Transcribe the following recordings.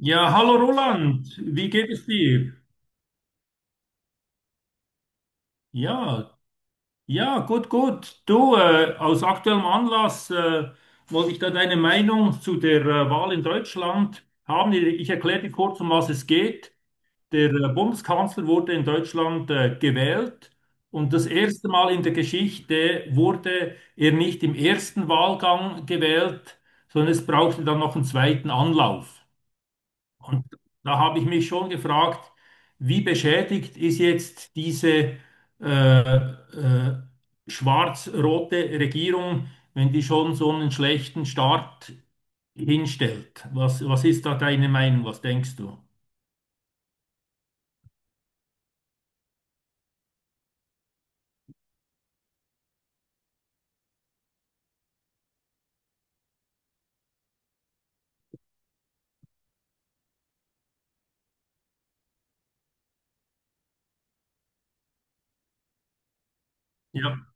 Ja, hallo Roland, wie geht es dir? Ja, ja, gut, gut. Du, aus aktuellem Anlass wollte ich da deine Meinung zu der Wahl in Deutschland haben. Ich erkläre dir kurz, um was es geht. Der Bundeskanzler wurde in Deutschland gewählt und das erste Mal in der Geschichte wurde er nicht im ersten Wahlgang gewählt, sondern es brauchte dann noch einen zweiten Anlauf. Und da habe ich mich schon gefragt, wie beschädigt ist jetzt diese äh, äh, schwarz-rote Regierung, wenn die schon so einen schlechten Start hinstellt? Was ist da deine Meinung? Was denkst du? Ja,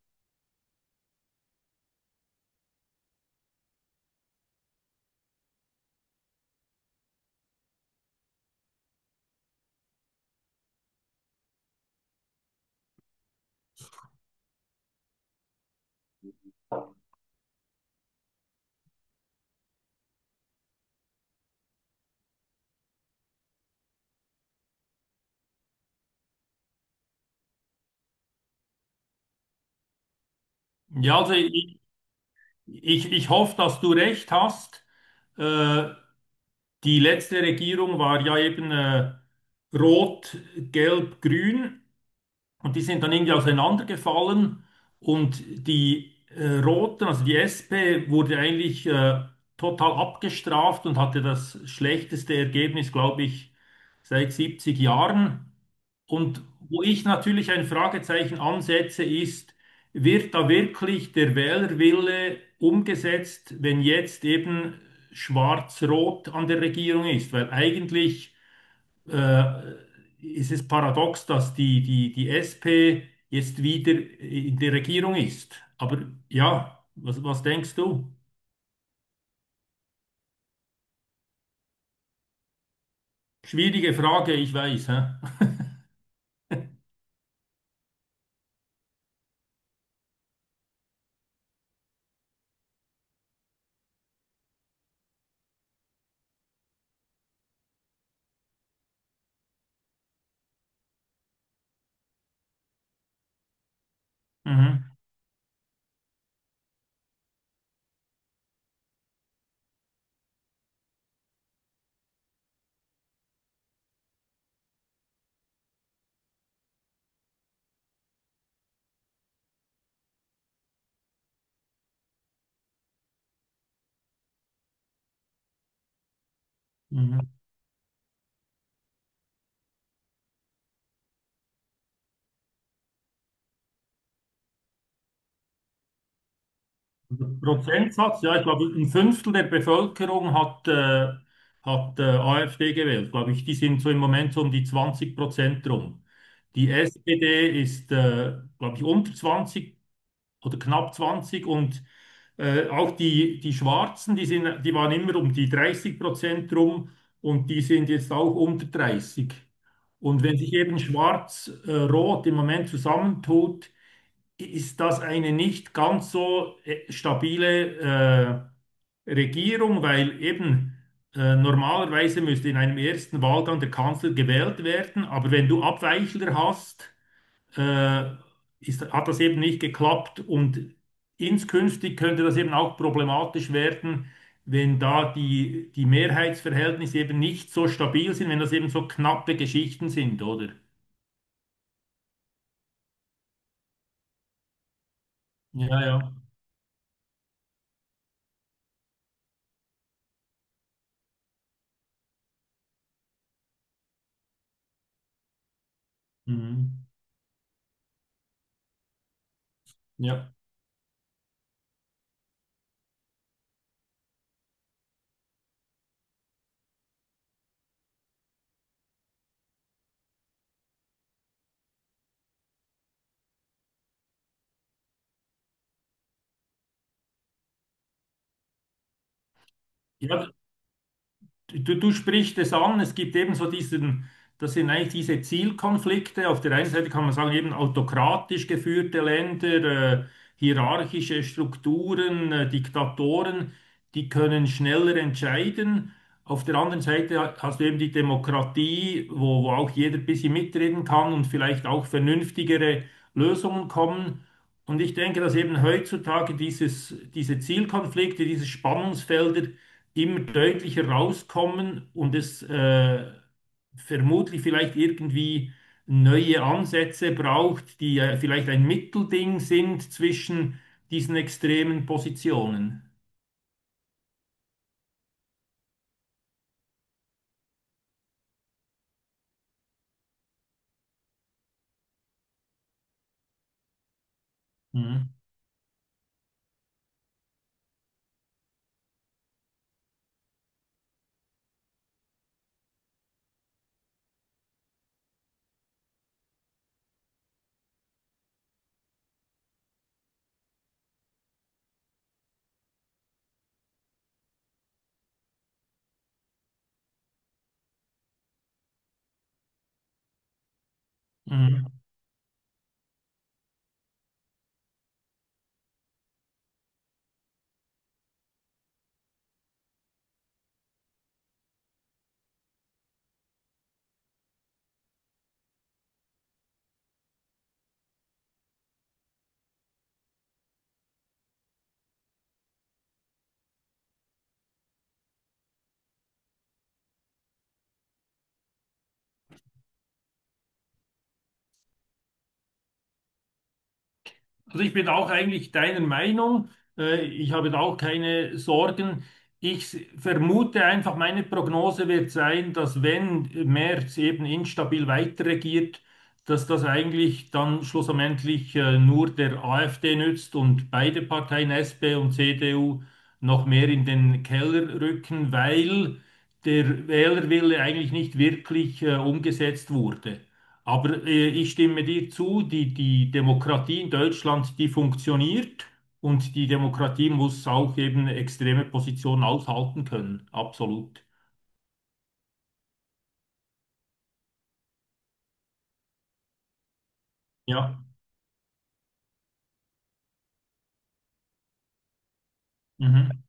ja, also ich hoffe, dass du recht hast. Äh, Die letzte Regierung war ja eben rot, gelb, grün. Und die sind dann irgendwie auseinandergefallen und die Roten, also die SP, wurde eigentlich total abgestraft und hatte das schlechteste Ergebnis, glaube ich, seit 70 Jahren. Und wo ich natürlich ein Fragezeichen ansetze, ist, wird da wirklich der Wählerwille umgesetzt, wenn jetzt eben Schwarz-Rot an der Regierung ist? Weil eigentlich äh, ist es paradox, dass die SP jetzt wieder in der Regierung ist. Aber ja, was denkst du? Schwierige Frage, ich weiß. Hä? Mhm, mhm. Also Prozentsatz, ja, ich glaube, ein Fünftel der Bevölkerung hat AfD gewählt, glaube ich. Die sind so im Moment so um die 20% rum. Die SPD ist, glaube ich, unter 20 oder knapp 20, und auch die Schwarzen, die waren immer um die 30% rum und die sind jetzt auch unter 30. Und wenn sich eben Schwarz-Rot im Moment zusammentut, ist das eine nicht ganz so stabile Regierung, weil eben normalerweise müsste in einem ersten Wahlgang der Kanzler gewählt werden, aber wenn du Abweichler hast, äh, hat das eben nicht geklappt, und inskünftig könnte das eben auch problematisch werden, wenn da die Mehrheitsverhältnisse eben nicht so stabil sind, wenn das eben so knappe Geschichten sind, oder? Ja, ja. Mhm. Ja. Ja, du sprichst es an, es gibt eben so das sind eigentlich diese Zielkonflikte. Auf der einen Seite kann man sagen, eben autokratisch geführte Länder, hierarchische Strukturen, Diktatoren, die können schneller entscheiden. Auf der anderen Seite hast du eben die Demokratie, wo auch jeder ein bisschen mitreden kann und vielleicht auch vernünftigere Lösungen kommen. Und ich denke, dass eben heutzutage diese Zielkonflikte, diese Spannungsfelder, immer deutlicher rauskommen und es vermutlich vielleicht irgendwie neue Ansätze braucht, die vielleicht ein Mittelding sind zwischen diesen extremen Positionen. Mhm. Mhm. Also ich bin auch eigentlich deiner Meinung. Ich habe da auch keine Sorgen. Vermute einfach, meine Prognose wird sein, dass wenn Merz eben instabil weiterregiert, dass das eigentlich dann schlussendlich nur der AfD nützt und beide Parteien, SP und CDU, noch mehr in den Keller rücken, weil der Wählerwille eigentlich nicht wirklich umgesetzt wurde. Aber ich stimme dir zu, die Demokratie in Deutschland, die funktioniert, und die Demokratie muss auch eben extreme Positionen aushalten können. Absolut. Ja. Mhm.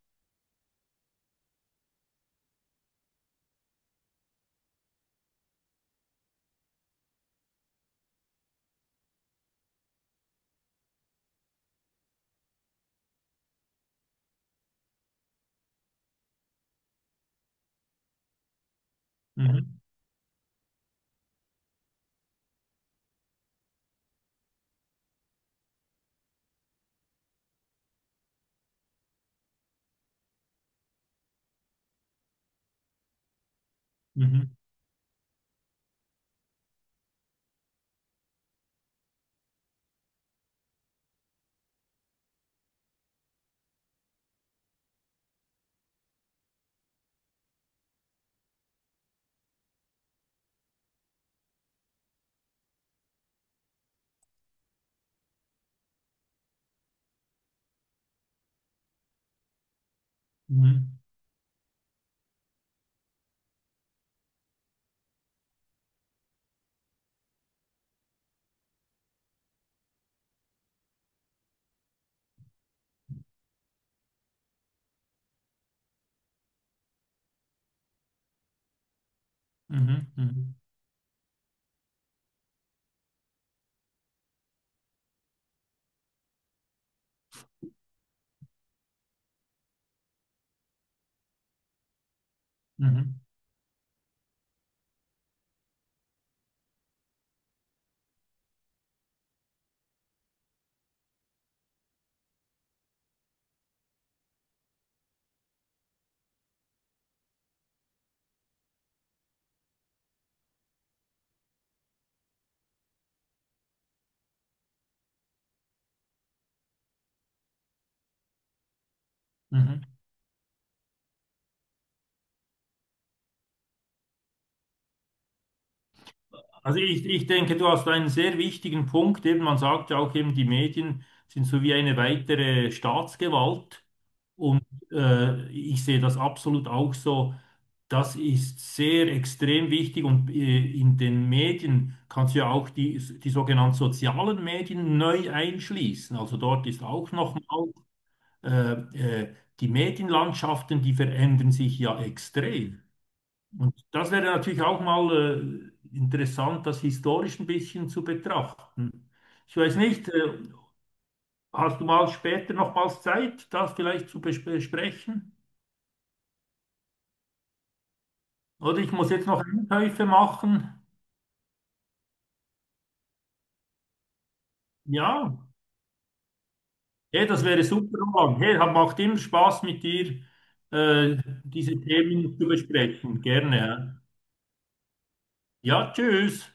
Mhm. Mhm. Mhm. Mhm. Mhm. Mhm. Mhm. Also ich denke, du hast einen sehr wichtigen Punkt. Eben, man sagt ja auch eben, die Medien sind so wie eine weitere Staatsgewalt. Und ich sehe das absolut auch so. Das ist sehr extrem wichtig, und in den Medien kannst du ja auch die sogenannten sozialen Medien neu einschließen. Also dort ist auch nochmal äh, die Medienlandschaften, die verändern sich ja extrem. Und das wäre natürlich auch mal interessant, das historisch ein bisschen zu betrachten. Ich weiß nicht, hast du mal später nochmals Zeit, das vielleicht besprechen? Oder ich muss jetzt noch Einkäufe machen. Ja. Hey, das wäre super, Roland. Hey, macht immer Spaß mit dir, äh, diese Themen zu besprechen. Gerne. Ja. Ja, tschüss.